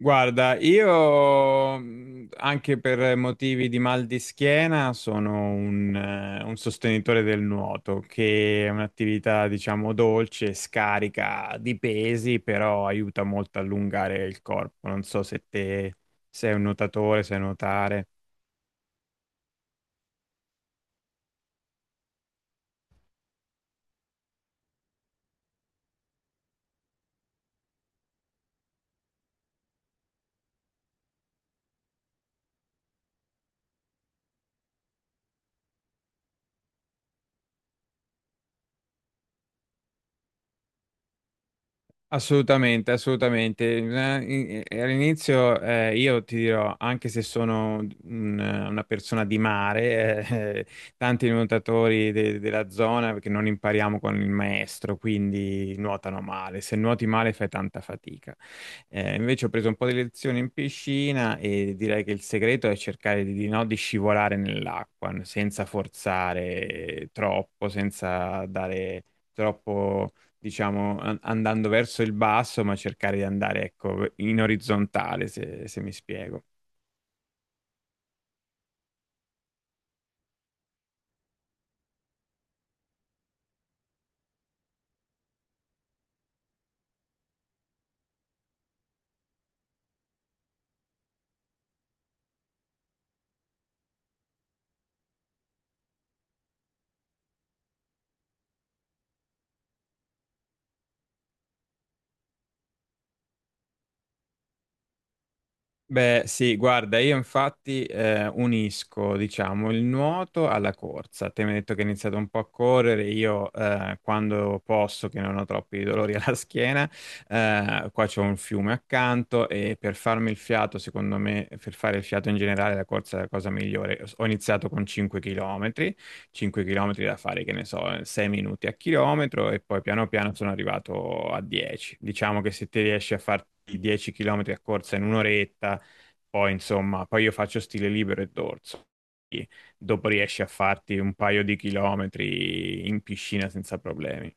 Guarda, io anche per motivi di mal di schiena sono un sostenitore del nuoto, che è un'attività, diciamo, dolce, scarica di pesi, però aiuta molto a allungare il corpo. Non so se te sei un nuotatore, sai nuotare. Assolutamente, assolutamente. All'inizio io ti dirò, anche se sono una persona di mare, eh, tanti nuotatori della zona, perché non impariamo con il maestro, quindi nuotano male. Se nuoti male fai tanta fatica. Invece ho preso un po' di lezioni in piscina e direi che il segreto è cercare di scivolare nell'acqua, senza forzare troppo, senza dare troppo, diciamo, andando verso il basso, ma cercare di andare, ecco, in orizzontale, se mi spiego. Beh, sì, guarda, io infatti unisco, diciamo, il nuoto alla corsa. Te mi hai detto che hai iniziato un po' a correre, io quando posso, che non ho troppi dolori alla schiena, qua c'è un fiume accanto e per farmi il fiato, secondo me, per fare il fiato in generale, la corsa è la cosa migliore. Ho iniziato con 5 km, 5 km da fare, che ne so, 6 minuti a chilometro e poi piano piano sono arrivato a 10. Diciamo che se ti riesci a farti 10 km a corsa in un'oretta, poi, insomma, poi io faccio stile libero e dorso. Quindi. Dopo riesci a farti un paio di chilometri in piscina senza problemi.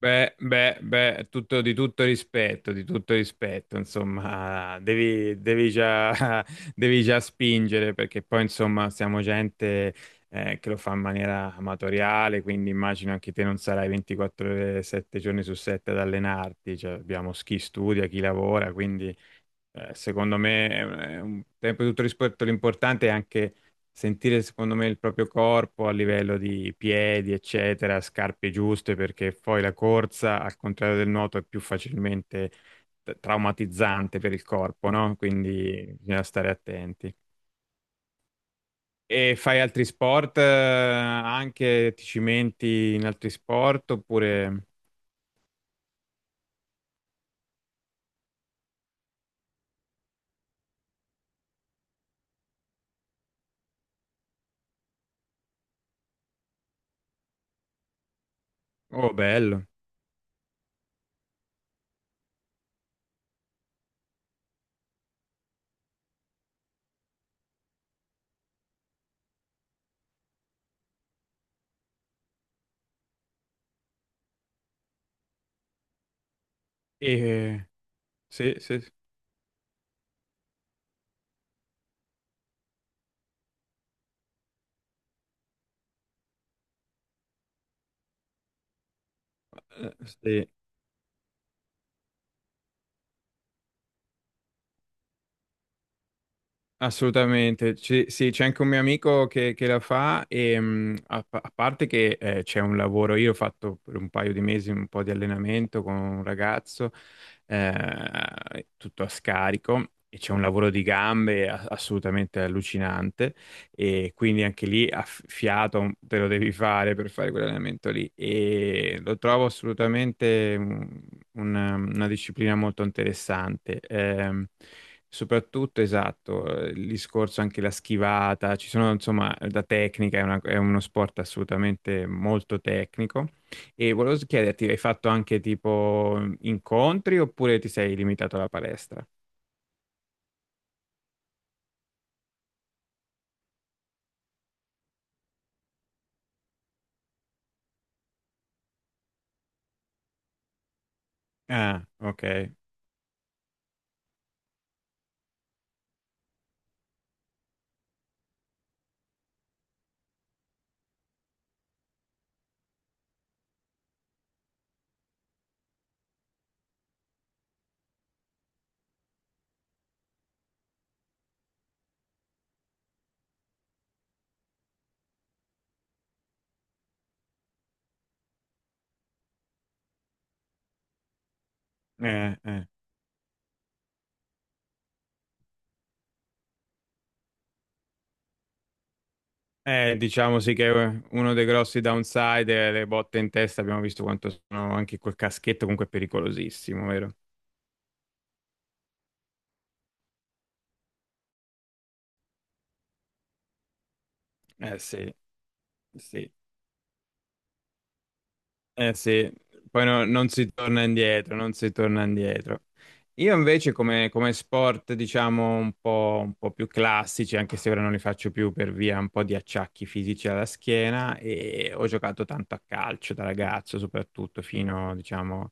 Beh, beh, beh, tutto, di tutto rispetto, insomma, devi già, devi già spingere perché poi, insomma, siamo gente che lo fa in maniera amatoriale, quindi immagino anche te non sarai 24 ore, 7 giorni su 7 ad allenarti, cioè abbiamo chi studia, chi lavora, quindi. Secondo me, è un tempo di tutto rispetto, l'importante è anche sentire, secondo me, il proprio corpo a livello di piedi, eccetera, scarpe giuste, perché poi la corsa, al contrario del nuoto, è più facilmente traumatizzante per il corpo, no? Quindi bisogna stare attenti. E fai altri sport, anche ti cimenti in altri sport, oppure... Oh, bello. E... Sì, sì, sì. Eh, sì. Assolutamente. Sì, c'è anche un mio amico che la fa e a parte che c'è un lavoro, io ho fatto per un paio di mesi un po' di allenamento con un ragazzo, tutto a scarico e c'è un lavoro di gambe assolutamente allucinante e quindi anche lì a fiato te lo devi fare per fare quell'allenamento lì e lo trovo assolutamente una disciplina molto interessante. Soprattutto, esatto, il discorso anche la schivata, ci sono insomma da tecnica, è uno sport assolutamente molto tecnico. E volevo chiederti, hai fatto anche tipo incontri oppure ti sei limitato alla palestra? Ah, ok. Eh. Diciamo sì che uno dei grossi downside è le botte in testa, abbiamo visto quanto sono anche col caschetto, comunque è pericolosissimo, vero? Eh sì, sì. Eh sì, poi non si torna indietro, non si torna indietro. Io invece come sport, diciamo, un po' più classici, anche se ora non li faccio più per via un po' di acciacchi fisici alla schiena, e ho giocato tanto a calcio da ragazzo, soprattutto fino, diciamo,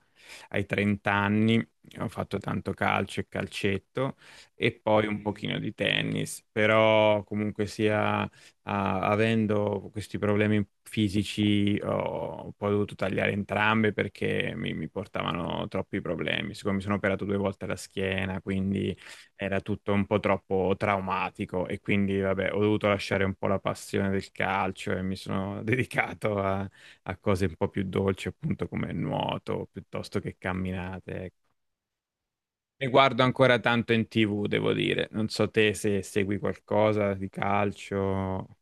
ai 30 anni. Ho fatto tanto calcio e calcetto e poi un pochino di tennis, però comunque sia avendo questi problemi fisici, ho poi dovuto tagliare entrambe perché mi portavano troppi problemi. Siccome mi sono operato due volte la schiena, quindi era tutto un po' troppo traumatico e quindi, vabbè, ho dovuto lasciare un po' la passione del calcio e mi sono dedicato a cose un po' più dolci, appunto come il nuoto, piuttosto che camminate. Ecco. Ne guardo ancora tanto in TV, devo dire. Non so te se segui qualcosa di calcio.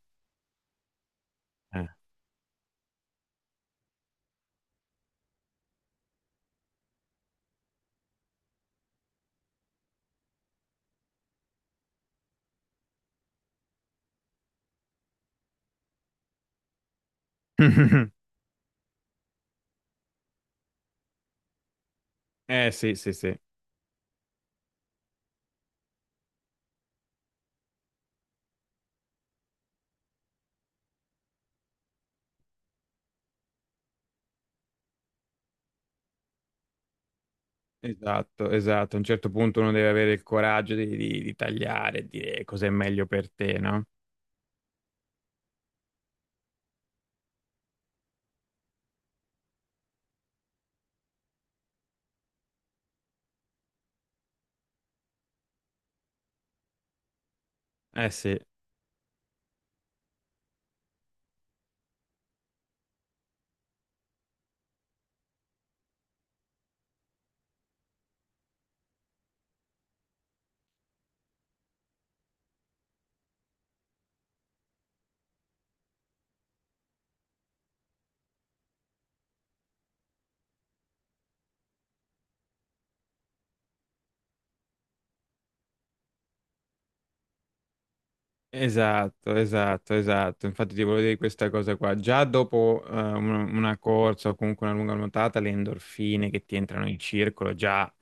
Eh. Eh sì, sì, sì, esatto, esatto. A un certo punto uno deve avere il coraggio di tagliare e dire cos'è meglio per te, no? Eh sì. Esatto, esatto, esatto. Infatti ti volevo dire questa cosa qua. Già dopo una corsa o comunque una lunga nuotata, le endorfine che ti entrano in circolo, già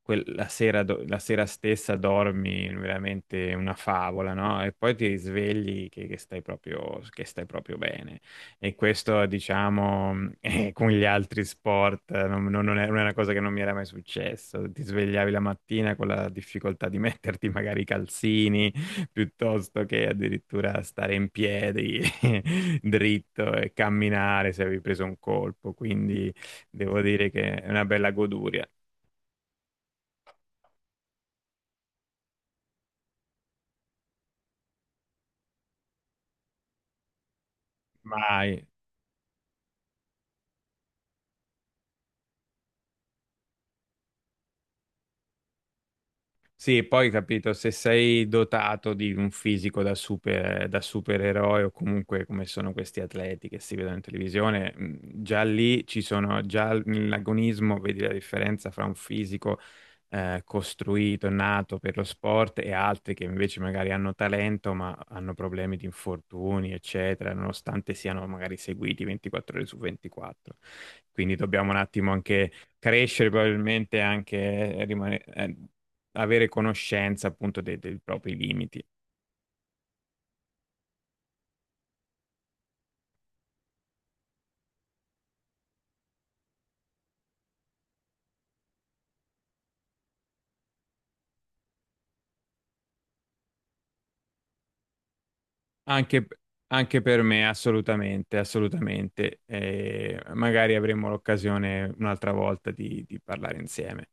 la sera, la sera stessa dormi veramente una favola, no? E poi ti risvegli che stai proprio bene. E questo, diciamo, con gli altri sport non è una cosa che non mi era mai successo. Ti svegliavi la mattina con la difficoltà di metterti magari i calzini piuttosto che addirittura stare in piedi dritto e camminare se avevi preso un colpo. Quindi devo dire che è una bella goduria. Mai. Sì, poi capito, se sei dotato di un fisico da da supereroe o comunque come sono questi atleti che si vedono in televisione, già lì ci sono, nell'agonismo vedi la differenza fra un fisico costruito, nato per lo sport e altri che invece magari hanno talento ma hanno problemi di infortuni, eccetera, nonostante siano magari seguiti 24 ore su 24. Quindi dobbiamo un attimo anche crescere probabilmente anche avere conoscenza appunto dei propri limiti. Anche, anche per me, assolutamente, assolutamente. Magari avremo l'occasione un'altra volta di parlare insieme.